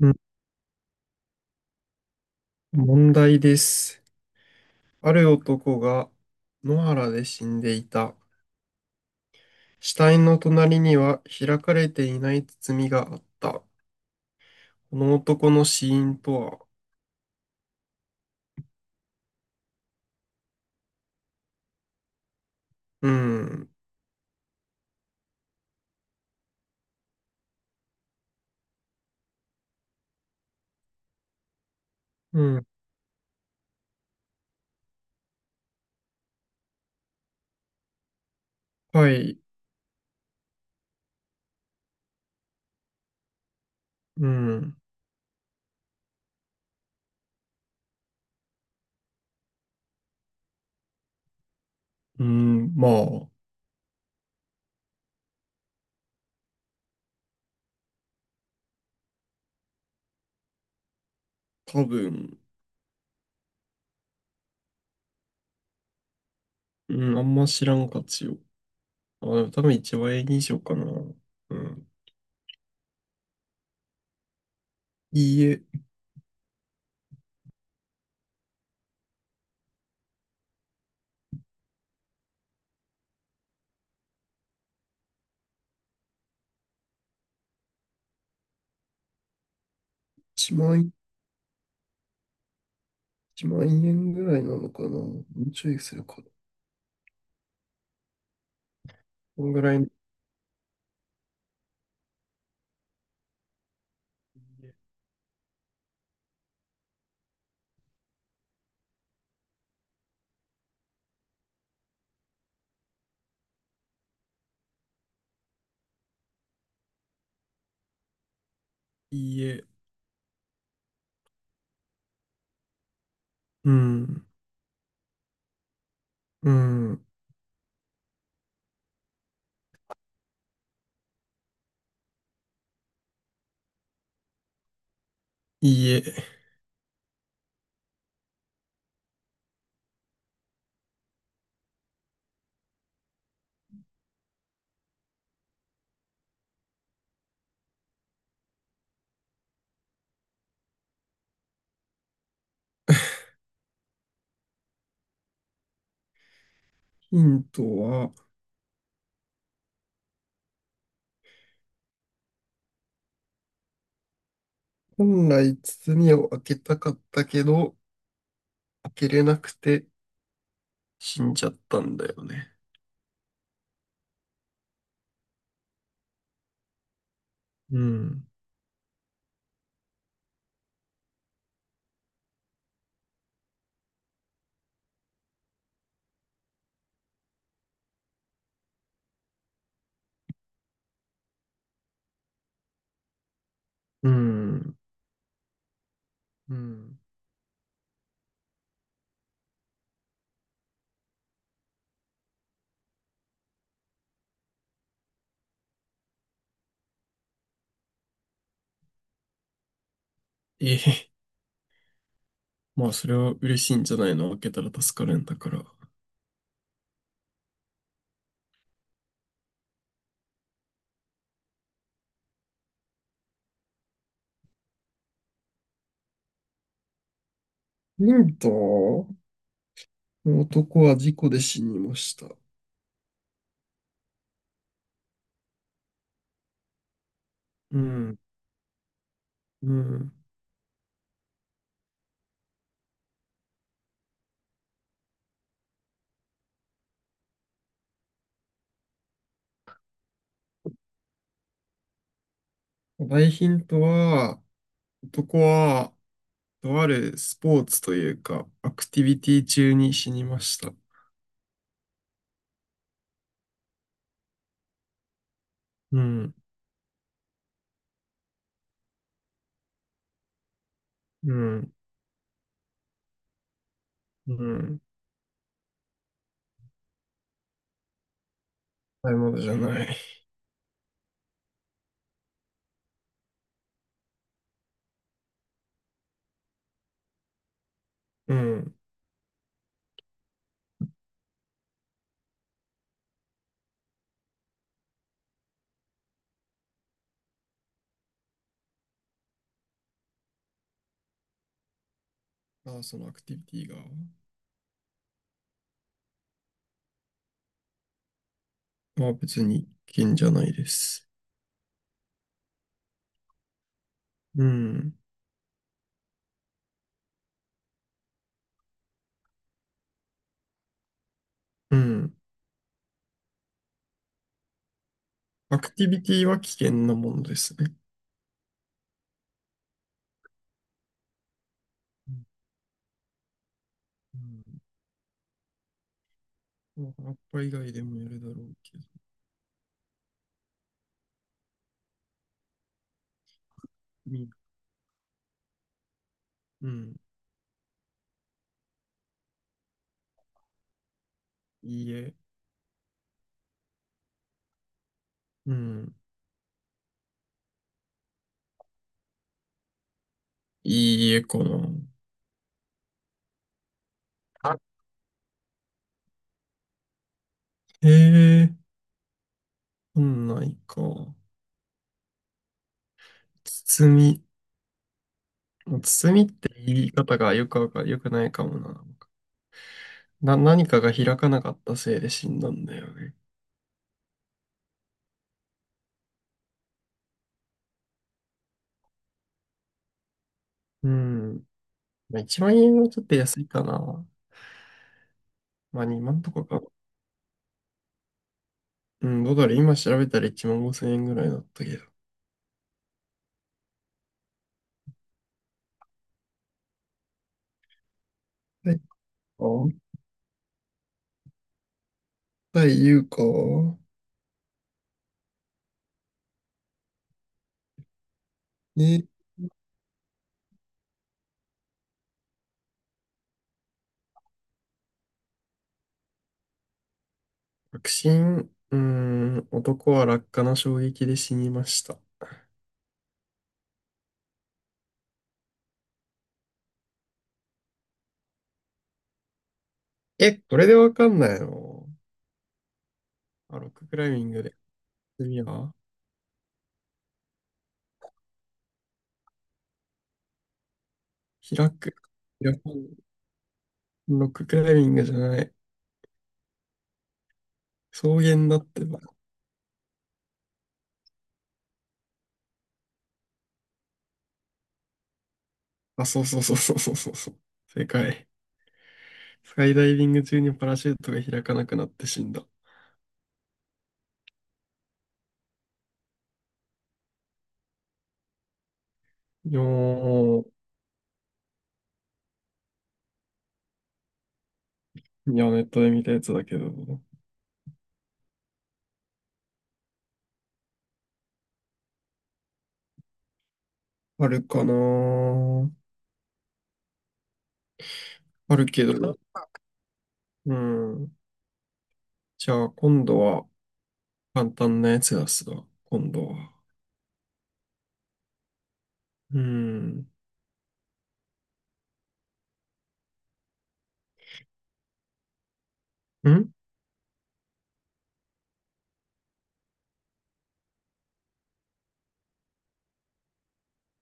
うん、問題です。ある男が野原で死んでいた。死体の隣には開かれていない包みがあった。この男の死因とは、うん、うん、はい、うん、うん、まあ、多分、うん、あんま知らんかちよ。あ、でも多分1万円以上かな。うん。いいえ、1万、1万円ぐらいなのかな。もうちょいするかな。こんぐらいの、いいえ、うん、うん。いいえ、ヒントは、本来包を開けたかったけど、開けれなくて死んじゃったんだよね。うん、うん、うん。ええ、まあそれは嬉しいんじゃないの。開けたら助かるんだから。ヒント。男は事故で死にました。うん、うん。大ヒントは、男は、とあるスポーツというか、アクティビティ中に死にました。うん、うん、うん。買い物じゃない。うん。あ、そのアクティビティが、まあ別に危険じゃないです。うん。うん。アクティビティは危険なものですね。うん。うん。葉っぱ以外でもやるだろうけど。みうん。いいえ。うん。いいえかな。あ、へえ、そんないか。包み。包みって言い方がよくないかもな。何かが開かなかったせいで死んだんだよね。うん。まあ、1万円はちょっと安いかな。まあ2万とかか。うん、どうだろう。今調べたら1万5千円ぐらいだったけど。はい。あ、はい言うか。で、確信、うーん、男は落下の衝撃で死にました。え、これでわかんないの。あ、ロッククライミングで。次は、開く。開かん。ロッククライミングじゃない。草原だってば。あ、そうそうそうそうそうそうそう。正解。スカイダイビング中にパラシュートが開かなくなって死んだ。いやー、いや、ネットで見たやつだけど、あるかなー。あるけど、うん。じゃあ、今度は簡単なやつ出すわ、今度は。うん。ん、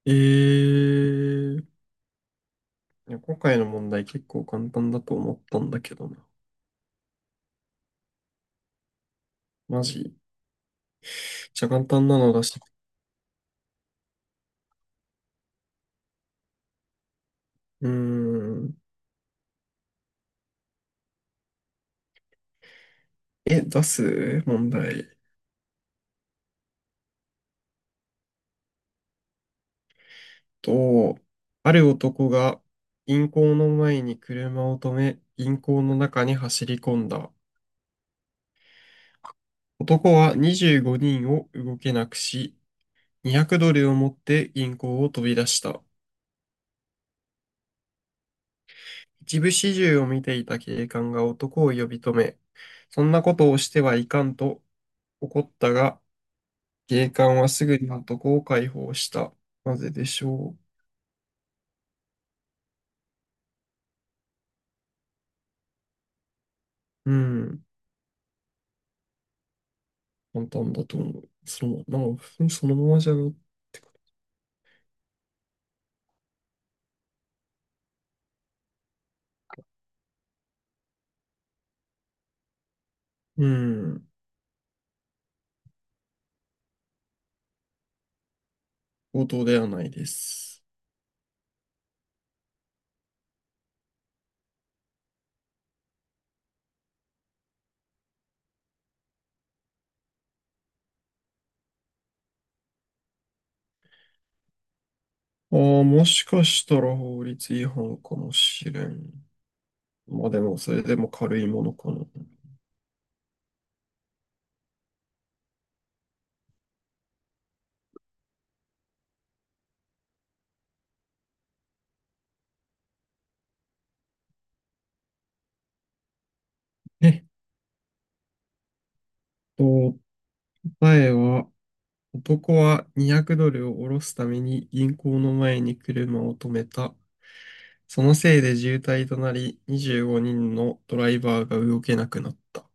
いや今回の問題結構簡単だと思ったんだけどな。マジ。じゃあ、簡単なの出して。うん。え、出す問題。と、ある男が銀行の前に車を止め、銀行の中に走り込んだ。男は25人を動けなくし、200ドルを持って銀行を飛び出した。一部始終を見ていた警官が男を呼び止め、そんなことをしてはいかんと怒ったが、警官はすぐに男を解放した。なぜでしょう。うん、簡単だと思う。その、なんか、普通にそのままじゃない。うん、強盗ではないです。ああ、もしかしたら法律違反かもしれん。まあでも、それでも軽いものかな。えっと、答えは、男は200ドルを下ろすために銀行の前に車を止めた。そのせいで渋滞となり、25人のドライバーが動けなくなった。